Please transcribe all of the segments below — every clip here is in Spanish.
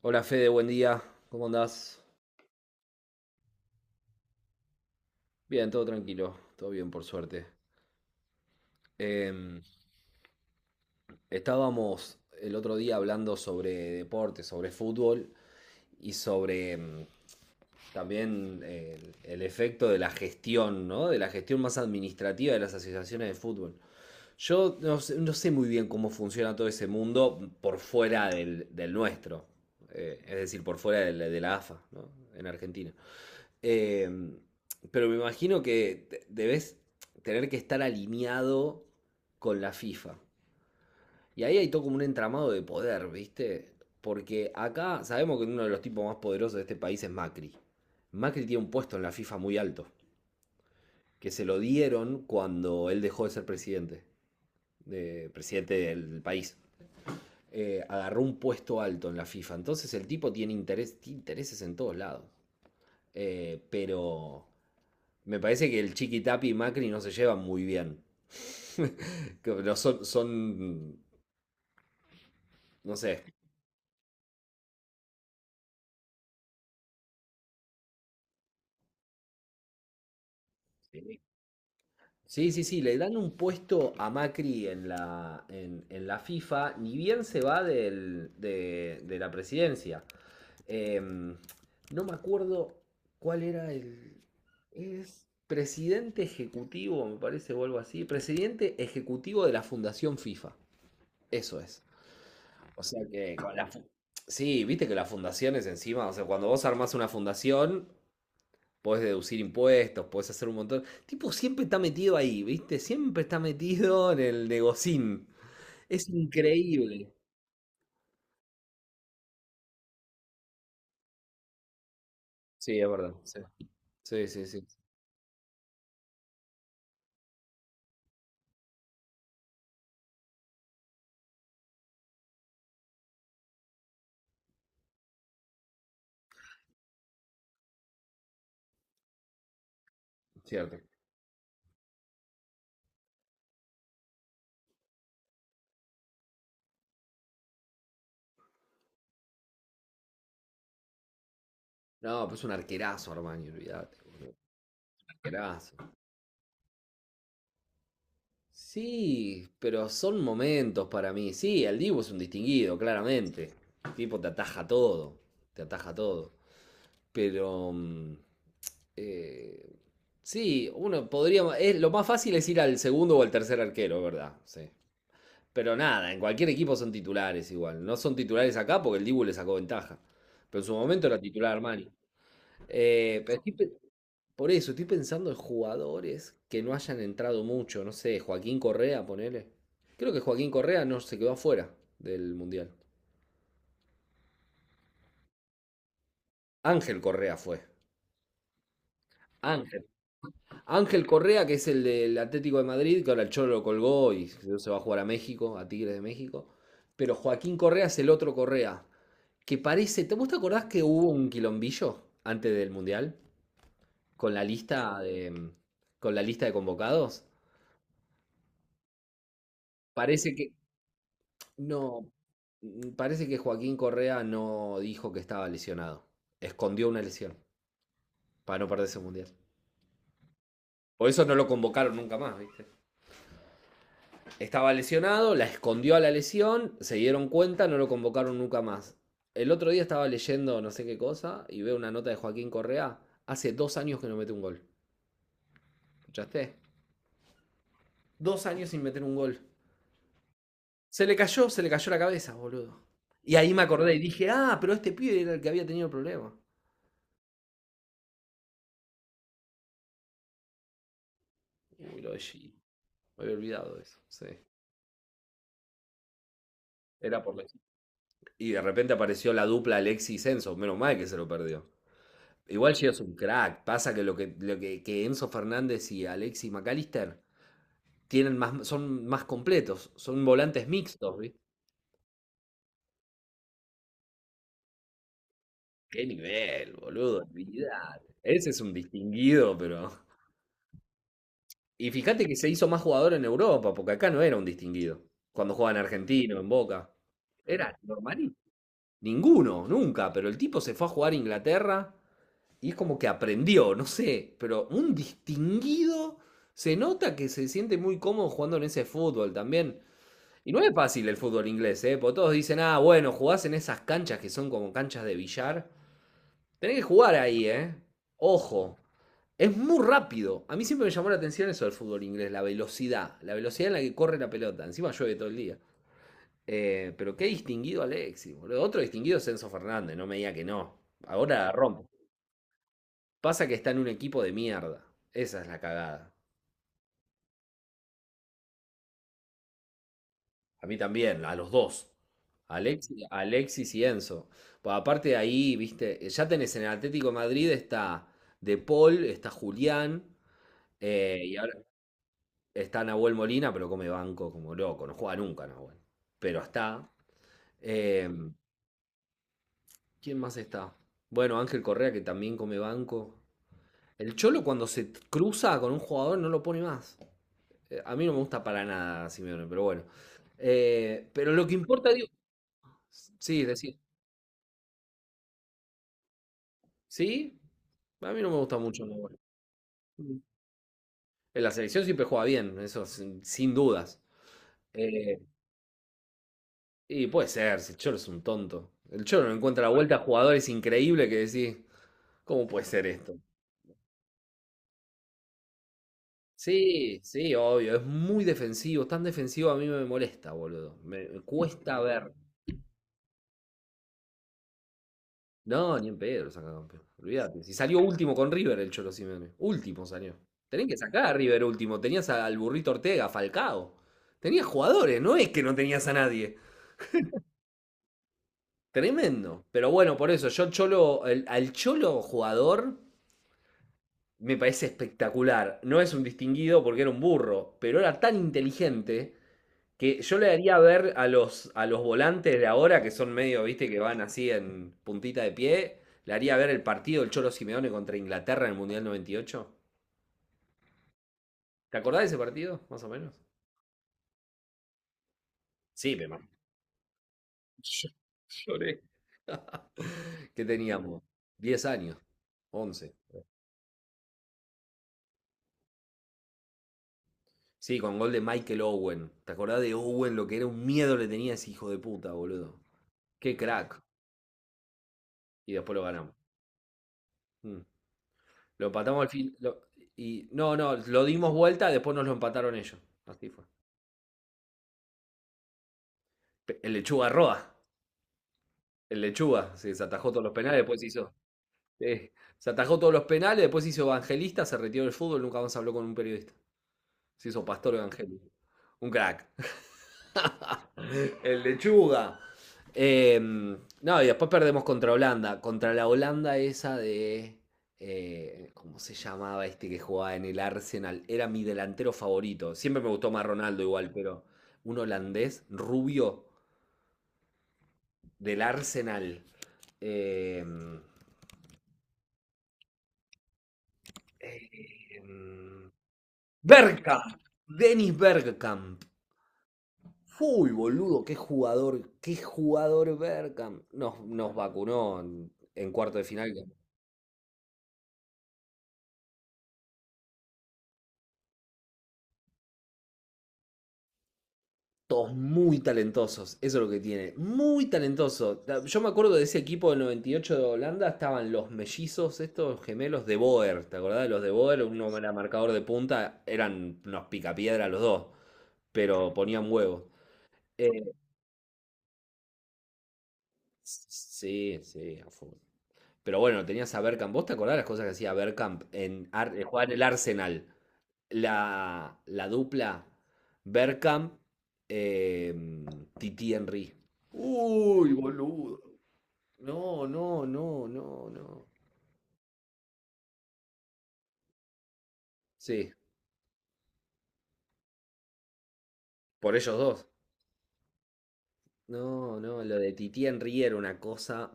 Hola Fede, buen día. ¿Cómo andás? Bien, todo tranquilo, todo bien por suerte. Em, Estábamos el otro día hablando sobre deporte, sobre fútbol y sobre también el efecto de la gestión, ¿no? De la gestión más administrativa de las asociaciones de fútbol. Yo no sé muy bien cómo funciona todo ese mundo por fuera del nuestro, es decir, por fuera de la AFA, ¿no? En Argentina. Eh, pero me imagino que debes tener que estar alineado con la FIFA. Y ahí hay todo como un entramado de poder, ¿viste? Porque acá sabemos que uno de los tipos más poderosos de este país es Macri. Macri tiene un puesto en la FIFA muy alto, que se lo dieron cuando él dejó de ser presidente, presidente del país. Agarró un puesto alto en la FIFA. Entonces el tipo tiene interés, tiene intereses en todos lados. Eh, pero Me parece que el Chiqui Tapi y Macri no se llevan muy bien. Que no son. No sé. Sí, sí, sí, le dan un puesto a Macri en la FIFA, ni bien se va de la presidencia. Em, no me acuerdo cuál era el. Es presidente ejecutivo, me parece, o algo así. Presidente ejecutivo de la Fundación FIFA. Eso es. O sea que con la sí, viste que las fundaciones encima, o sea, cuando vos armás una fundación, podés deducir impuestos, podés hacer un montón. Tipo, siempre está metido ahí, ¿viste? Siempre está metido en el negocín. Es increíble. Sí, es verdad. Sí, sí, sí, sí, cierto. No, pues un arquerazo, Armani, olvídate. Un arquerazo. Sí, pero son momentos para mí. Sí, el Divo es un distinguido, claramente. El tipo te ataja todo, te ataja todo. Pero Eh, sí, uno podría. Lo más fácil es ir al segundo o al tercer arquero, ¿verdad? Sí. Pero nada, en cualquier equipo son titulares igual. No son titulares acá porque el Dibu le sacó ventaja. Pero en su momento era titular Armani. Eh, pero estoy pe- por eso, estoy pensando en jugadores que no hayan entrado mucho. No sé, Joaquín Correa, ponele. Creo que Joaquín Correa no se quedó afuera del Mundial. Ángel Correa fue. Ángel. Ángel Correa, que es el del Atlético de Madrid, que ahora el Cholo lo colgó y se va a jugar a México, a Tigres de México. Pero Joaquín Correa es el otro Correa, que parece. ¿Vos te acordás que hubo un quilombillo antes del Mundial? Con la lista de. Con la lista de convocados. Parece que. No. Parece que Joaquín Correa no dijo que estaba lesionado. Escondió una lesión para no perderse el Mundial. Por eso no lo convocaron nunca más, ¿viste? Estaba lesionado, la escondió a la lesión, se dieron cuenta, no lo convocaron nunca más. El otro día estaba leyendo no sé qué cosa y veo una nota de Joaquín Correa. Hace dos años que no mete un gol. ¿Escuchaste? Dos años sin meter un gol. Se le cayó la cabeza, boludo. Y ahí me acordé y dije, ah, pero este pibe era el que había tenido el problema. Uy, lo de Gio. Me había olvidado de eso. Sí. Era por la. Y de repente apareció la dupla Alexis y Enzo. Menos mal que se lo perdió. Igual Gio es un crack. Pasa que Enzo Fernández y Alexis Mac Allister tienen más, son más completos, son volantes mixtos, ¿viste? Qué nivel, boludo, olvidate. Ese es un distinguido, pero. Y fíjate que se hizo más jugador en Europa, porque acá no era un distinguido. Cuando jugaba en Argentino, en Boca. Era normalito. Ninguno, nunca, pero el tipo se fue a jugar a Inglaterra y es como que aprendió, no sé, pero un distinguido se nota que se siente muy cómodo jugando en ese fútbol también. Y no es fácil el fútbol inglés, ¿eh? Porque todos dicen, ah, bueno, jugás en esas canchas que son como canchas de billar. Tenés que jugar ahí, ¿eh? Ojo, es muy rápido. A mí siempre me llamó la atención eso del fútbol inglés, la velocidad en la que corre la pelota. Encima llueve todo el día. Pero qué distinguido Alexis, boludo. Otro distinguido es Enzo Fernández, no me diga que no. Ahora rompe. Pasa que está en un equipo de mierda. Esa es la cagada. A mí también, a los dos. A Alexis y Enzo. Pues aparte de ahí, viste, ya tenés en el Atlético de Madrid está De Paul, está Julián, y ahora está Nahuel Molina, pero come banco como loco, no juega nunca Nahuel. Pero está. Eh, ¿Quién más está? Bueno, Ángel Correa que también come banco. El Cholo cuando se cruza con un jugador no lo pone más. A mí no me gusta para nada Simeone, pero bueno. Pero lo que importa, digo, sí, es decir, sí, a mí no me gusta mucho Nahuel. En la selección siempre juega bien, eso sin dudas. Eh, y puede ser, si el Cholo es un tonto. El Cholo no encuentra la vuelta a jugadores increíbles que decís, ¿cómo puede ser esto? Sí, sí, obvio, es muy defensivo, tan defensivo a mí me molesta, boludo. Me cuesta ver. No, ni en pedo lo saca campeón. Olvídate. Si salió último con River el Cholo Simeone. Último salió. Tenés que sacar a River último. Tenías al burrito Ortega, Falcao. Tenías jugadores, no es que no tenías a nadie. Tremendo. Pero bueno, por eso, yo Cholo, al Cholo jugador me parece espectacular. No es un distinguido porque era un burro, pero era tan inteligente que yo le daría a ver a los volantes de ahora, que son medio, viste, que van así en puntita de pie. Le haría ver el partido del Cholo Simeone contra Inglaterra en el Mundial 98. ¿Te acordás de ese partido, más o menos? Sí, yo- lloré. ¿Qué teníamos? 10 años, 11. Sí, con gol de Michael Owen. ¿Te acordás de Owen? Lo que era un miedo le tenía a ese hijo de puta, boludo. Qué crack. Y después lo ganamos. Mm. Lo empatamos al fin. Y no, no, lo dimos vuelta, después nos lo empataron ellos. Así fue. El lechuga Roa. El lechuga. Sí, se atajó todos los penales, después hizo. Sí, se atajó todos los penales, después hizo evangelista, se retiró del fútbol, nunca más habló con un periodista. Se hizo pastor evangélico. Un crack. El lechuga. No, y después perdemos contra Holanda. Contra la Holanda esa de. ¿Cómo se llamaba este que jugaba en el Arsenal? Era mi delantero favorito. Siempre me gustó más Ronaldo igual, pero un holandés rubio del Arsenal. Em, Em, Bergkamp, Dennis Bergkamp. Uy, boludo, qué jugador Bergkamp. Nos, nos vacunó en, cuarto de final. Todos muy talentosos, eso es lo que tiene. Muy talentoso. Yo me acuerdo de ese equipo del 98 de Holanda, estaban los mellizos, estos gemelos de Boer. ¿Te acordás de los de Boer? Uno era marcador de punta, eran unos picapiedra los dos, pero ponían huevos. Eh, sí, sí, a full. Pero bueno, tenías a Bergkamp. ¿Vos te acordás las cosas que hacía Bergkamp en, jugaba en el Arsenal? La dupla Bergkamp, eh, Titi Henry. Uy, boludo. No, no, no, no, no. Sí, por ellos dos. No, no, lo de Titi Henry era una cosa.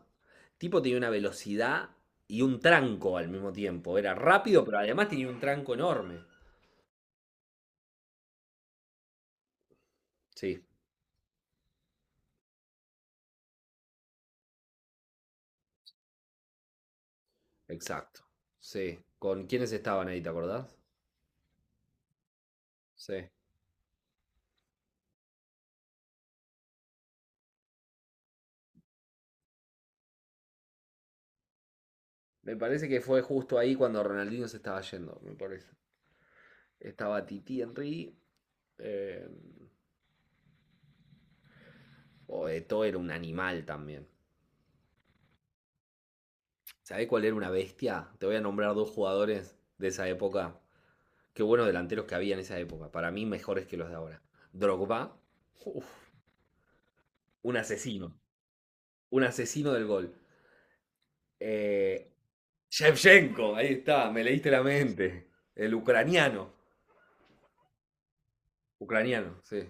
Tipo tenía una velocidad y un tranco al mismo tiempo. Era rápido, pero además tenía un tranco enorme. Sí, exacto. Sí. ¿Con quiénes estaban ahí, te acordás? Sí. Me parece que fue justo ahí cuando Ronaldinho se estaba yendo, me parece. Estaba Titi Henry. Eh, o Eto'o era un animal también. ¿Sabés cuál era una bestia? Te voy a nombrar dos jugadores de esa época. Qué buenos delanteros que había en esa época. Para mí, mejores que los de ahora. Drogba, uf, un asesino. Un asesino del gol. Eh, Shevchenko, ahí está, me leíste la mente. El ucraniano. Ucraniano, sí.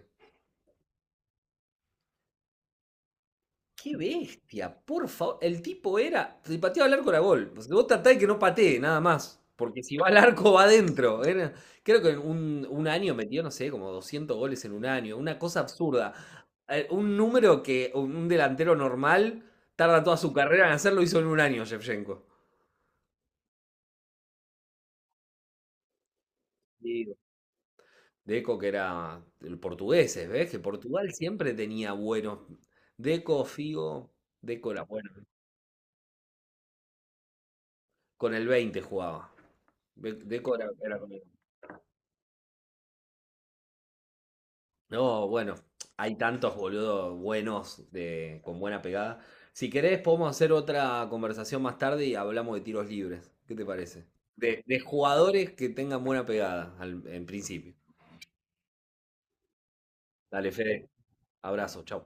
Qué bestia, por favor. El tipo era. Si pateaba al arco era gol. O sea, vos tratá de que no patee, nada más. Porque si va al arco, va adentro. Era, creo que en un año metió, no sé, como 200 goles en un año. Una cosa absurda. Un número que un delantero normal tarda toda su carrera en hacerlo, hizo en un año Shevchenko. Digo, Deco, que era el portugués, ¿ves? Que Portugal siempre tenía buenos. Deco, Figo, Deco era bueno. Con el 20 jugaba. Deco era con el. No, bueno, hay tantos boludos buenos de, con buena pegada. Si querés, podemos hacer otra conversación más tarde y hablamos de tiros libres. ¿Qué te parece? De jugadores que tengan buena pegada en principio. Dale, Fede. Abrazo, chau.